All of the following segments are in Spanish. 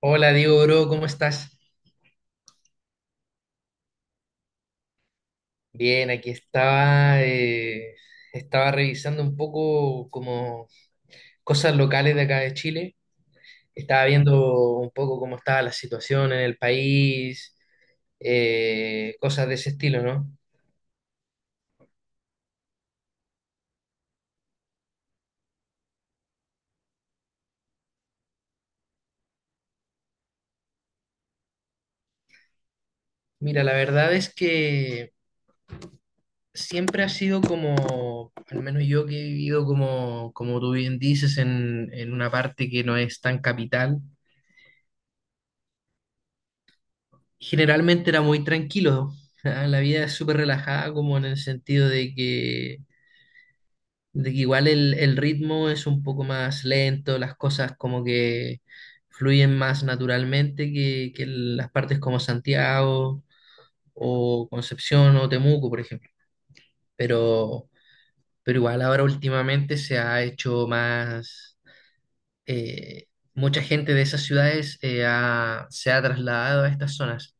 Hola Diego, bro, ¿cómo estás? Bien, aquí estaba revisando un poco como cosas locales de acá de Chile. Estaba viendo un poco cómo estaba la situación en el país, cosas de ese estilo, ¿no? Mira, la verdad es que siempre ha sido como, al menos yo que he vivido como tú bien dices, en una parte que no es tan capital. Generalmente era muy tranquilo. ¿Ah? La vida es súper relajada, como en el sentido de que igual el ritmo es un poco más lento, las cosas como que fluyen más naturalmente que en las partes como Santiago o Concepción o Temuco, por ejemplo. Pero, pero igual ahora últimamente se ha hecho más. eh, Mucha gente de esas ciudades se ha trasladado a estas zonas.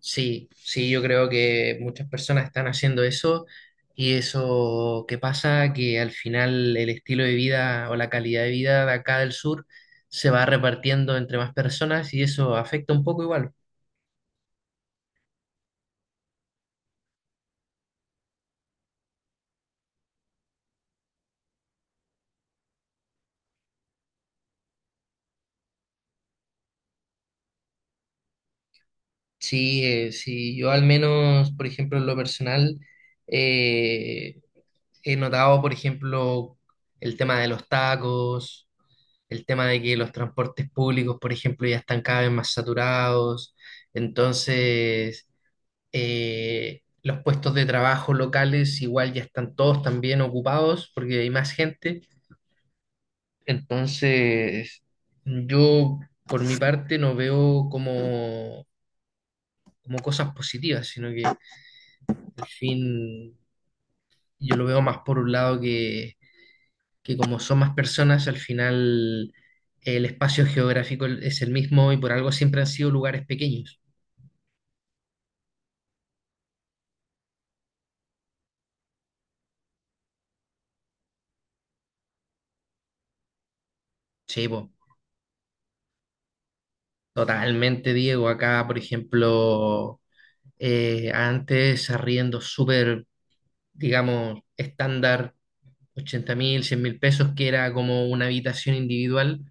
Sí, sí, yo creo que muchas personas están haciendo eso, y eso que pasa que al final el estilo de vida o la calidad de vida de acá del sur se va repartiendo entre más personas y eso afecta un poco igual. Sí, sí, yo al menos, por ejemplo, en lo personal, eh, he notado, por ejemplo, el tema de los tacos, el tema de que los transportes públicos, por ejemplo, ya están cada vez más saturados. Entonces los puestos de trabajo locales igual ya están todos también ocupados porque hay más gente. Entonces, yo por mi parte no veo como cosas positivas, sino que al fin yo lo veo más por un lado que, como son más personas, al final el espacio geográfico es el mismo y por algo siempre han sido lugares pequeños. Sí, po, totalmente, Diego. Acá, por ejemplo, antes arriendos súper, digamos, estándar, 80.000, 100.000 pesos, que era como una habitación individual,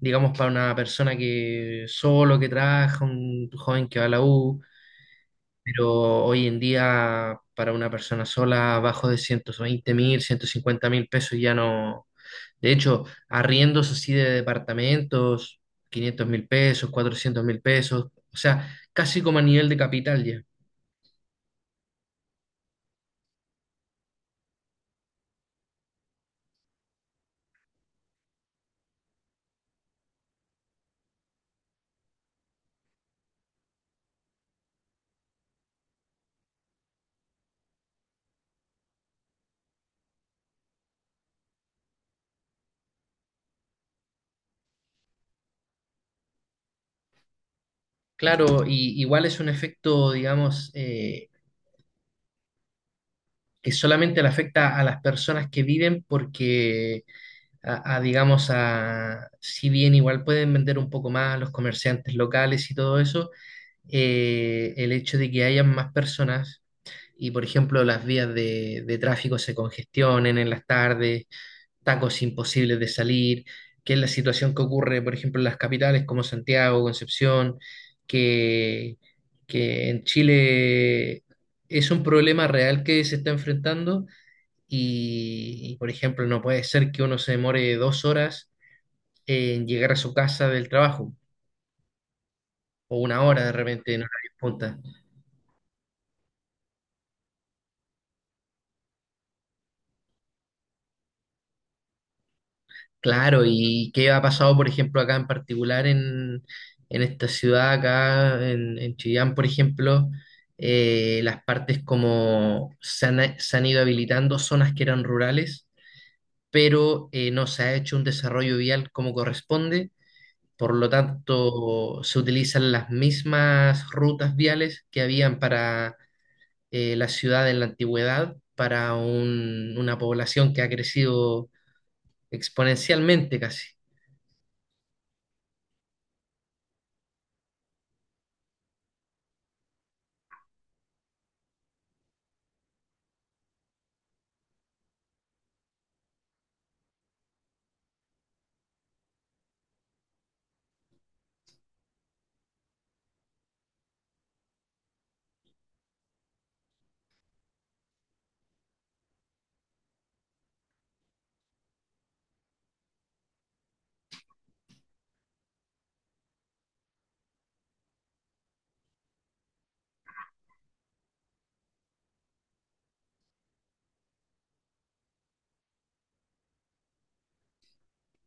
digamos, para una persona que solo, que trabaja, un joven que va a la U, pero hoy en día para una persona sola, abajo de 120.000, 150.000 pesos ya no. De hecho, arriendos así de departamentos, 500.000 pesos, 400.000 pesos, o sea, casi como a nivel de capital ya. Claro, y igual es un efecto, digamos, que solamente le afecta a las personas que viven porque, digamos, si bien igual pueden vender un poco más los comerciantes locales y todo eso, el hecho de que hayan más personas y, por ejemplo, las vías de tráfico se congestionen en las tardes, tacos imposibles de salir, que es la situación que ocurre, por ejemplo, en las capitales como Santiago, Concepción, que, que, en Chile es un problema real que se está enfrentando y, por ejemplo, no puede ser que uno se demore 2 horas en llegar a su casa del trabajo o 1 hora de repente en horario punta. Claro, ¿y qué ha pasado, por ejemplo, acá en particular en, esta ciudad, acá en Chillán, por ejemplo? Las partes como se han ido habilitando zonas que eran rurales, pero no se ha hecho un desarrollo vial como corresponde, por lo tanto se utilizan las mismas rutas viales que habían para la ciudad en la antigüedad, para una población que ha crecido exponencialmente casi.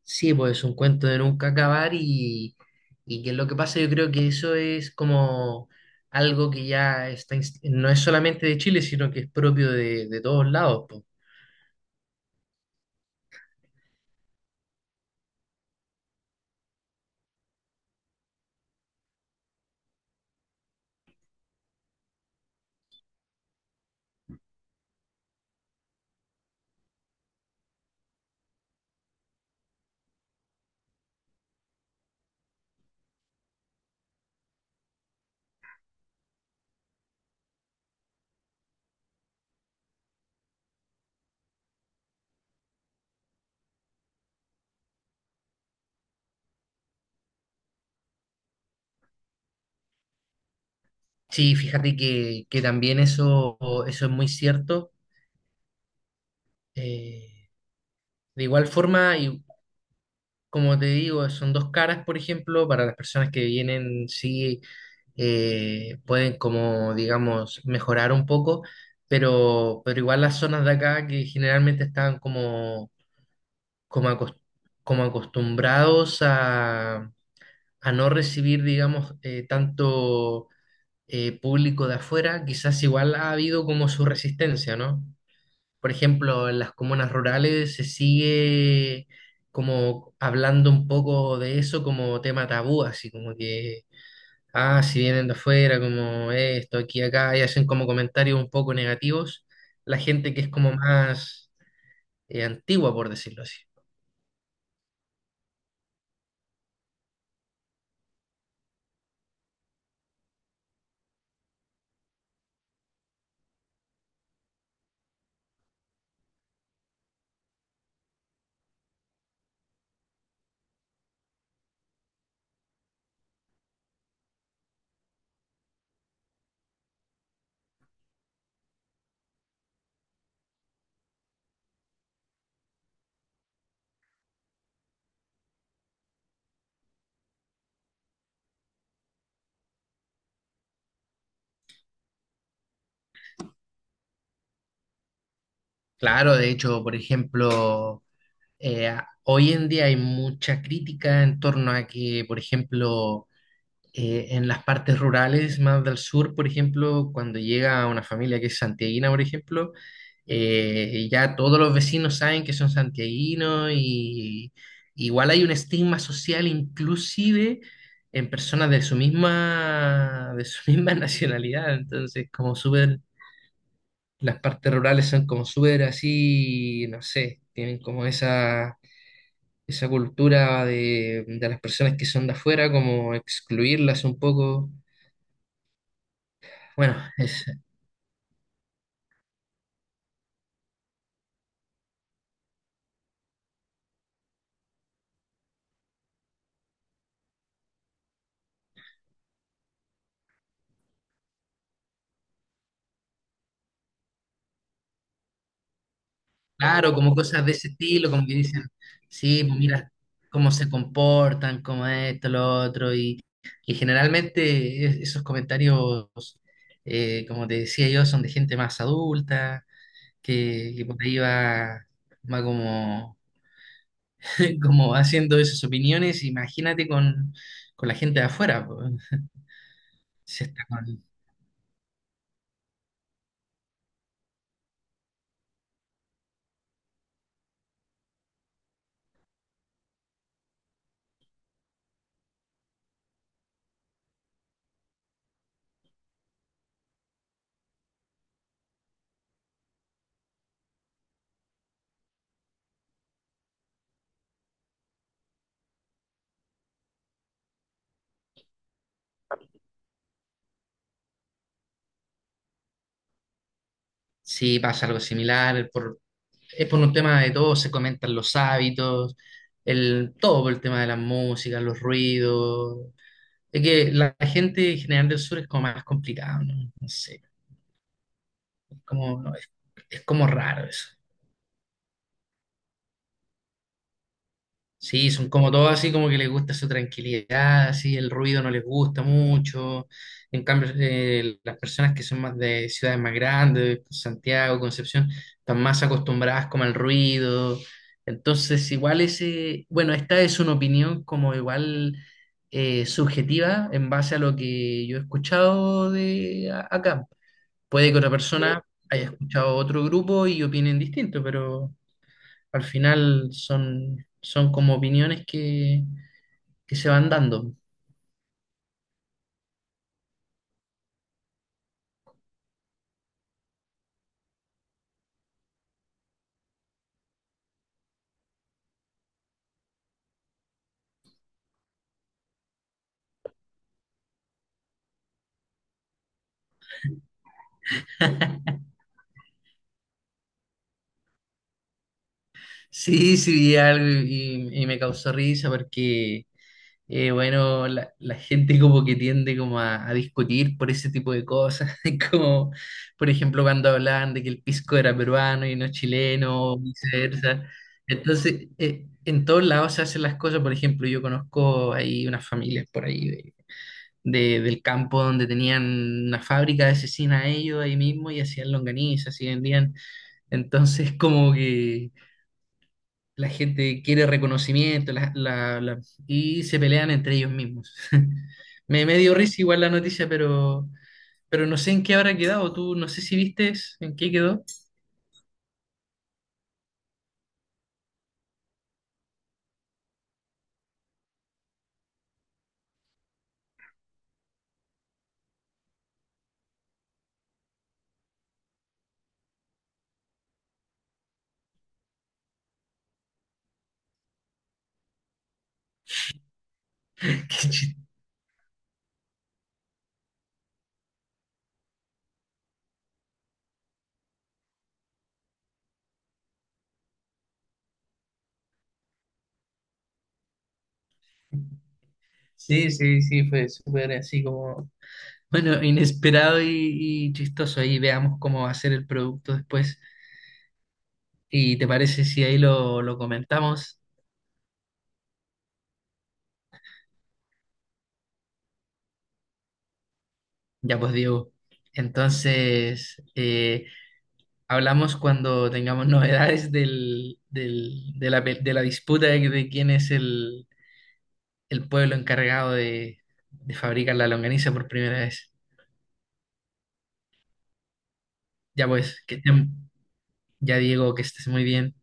Sí, pues es un cuento de nunca acabar y, que lo que pasa yo creo que eso es como algo que ya está, no es solamente de Chile, sino que es propio de todos lados, po. Sí, fíjate que también eso es muy cierto. Eh, de igual forma, y como te digo, son dos caras, por ejemplo, para las personas que vienen, sí, pueden como, digamos, mejorar un poco, pero, igual las zonas de acá que generalmente están como, acos- como acostumbrados a no recibir, digamos, tanto público de afuera, quizás igual ha habido como su resistencia, ¿no? Por ejemplo, en las comunas rurales se sigue como hablando un poco de eso como tema tabú, así como que, ah, si vienen de afuera, como esto, aquí, acá, y hacen como comentarios un poco negativos, la gente que es como más antigua, por decirlo así. Claro, de hecho, por ejemplo, hoy en día hay mucha crítica en torno a que, por ejemplo, en las partes rurales más del sur, por ejemplo, cuando llega una familia que es santiaguina, por ejemplo, ya todos los vecinos saben que son santiaguinos y igual hay un estigma social inclusive en personas de su misma, de su misma nacionalidad. Entonces, como súper, las partes rurales son como súper así, no sé, tienen como esa, cultura de las personas que son de afuera, como excluirlas un poco. Bueno, es claro, como cosas de ese estilo, como que dicen, sí, pues mira cómo se comportan, cómo esto, lo otro, y, generalmente esos comentarios, como te decía yo, son de gente más adulta, que, por ahí va, va como como haciendo esas opiniones, imagínate con la gente de afuera, po. Si está con- si pasa algo similar, es por un tema de todo, se comentan los hábitos, todo por el tema de la música, los ruidos. Es que la gente en general del sur es como más complicado, ¿no? No sé, como, no, es como raro eso. Sí, son como todos así, como que les gusta su tranquilidad, así, el ruido no les gusta mucho. En cambio, las personas que son más de ciudades más grandes, Santiago, Concepción, están más acostumbradas como al ruido. Entonces, igual ese, bueno, esta es una opinión como igual subjetiva en base a lo que yo he escuchado de acá. Puede que otra, sí, persona haya escuchado otro grupo y opinen distinto, pero al final son, como opiniones que se van dando. Sí, sí, vi algo y, me causó risa porque, bueno, la, gente como que tiende como a discutir por ese tipo de cosas, como, por ejemplo, cuando hablaban de que el pisco era peruano y no chileno, o viceversa. Entonces, en todos lados se hacen las cosas, por ejemplo, yo conozco ahí unas familias por ahí del campo donde tenían una fábrica de cecina ellos ahí mismo y hacían longanizas y vendían. Entonces, como que la gente quiere reconocimiento, y se pelean entre ellos mismos. Me dio risa igual la noticia, pero, no sé en qué habrá quedado. Tú no sé si viste en qué quedó. Qué chis- Sí, sí, sí, fue súper así como, bueno, inesperado y, chistoso. Ahí veamos cómo va a ser el producto después. ¿Y te parece si ahí lo comentamos? Ya pues, Diego. Entonces, hablamos cuando tengamos novedades de la disputa de, quién es el, pueblo encargado de fabricar la longaniza por primera vez. Ya pues, que estén- ya, Diego, que estés muy bien.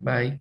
Bye.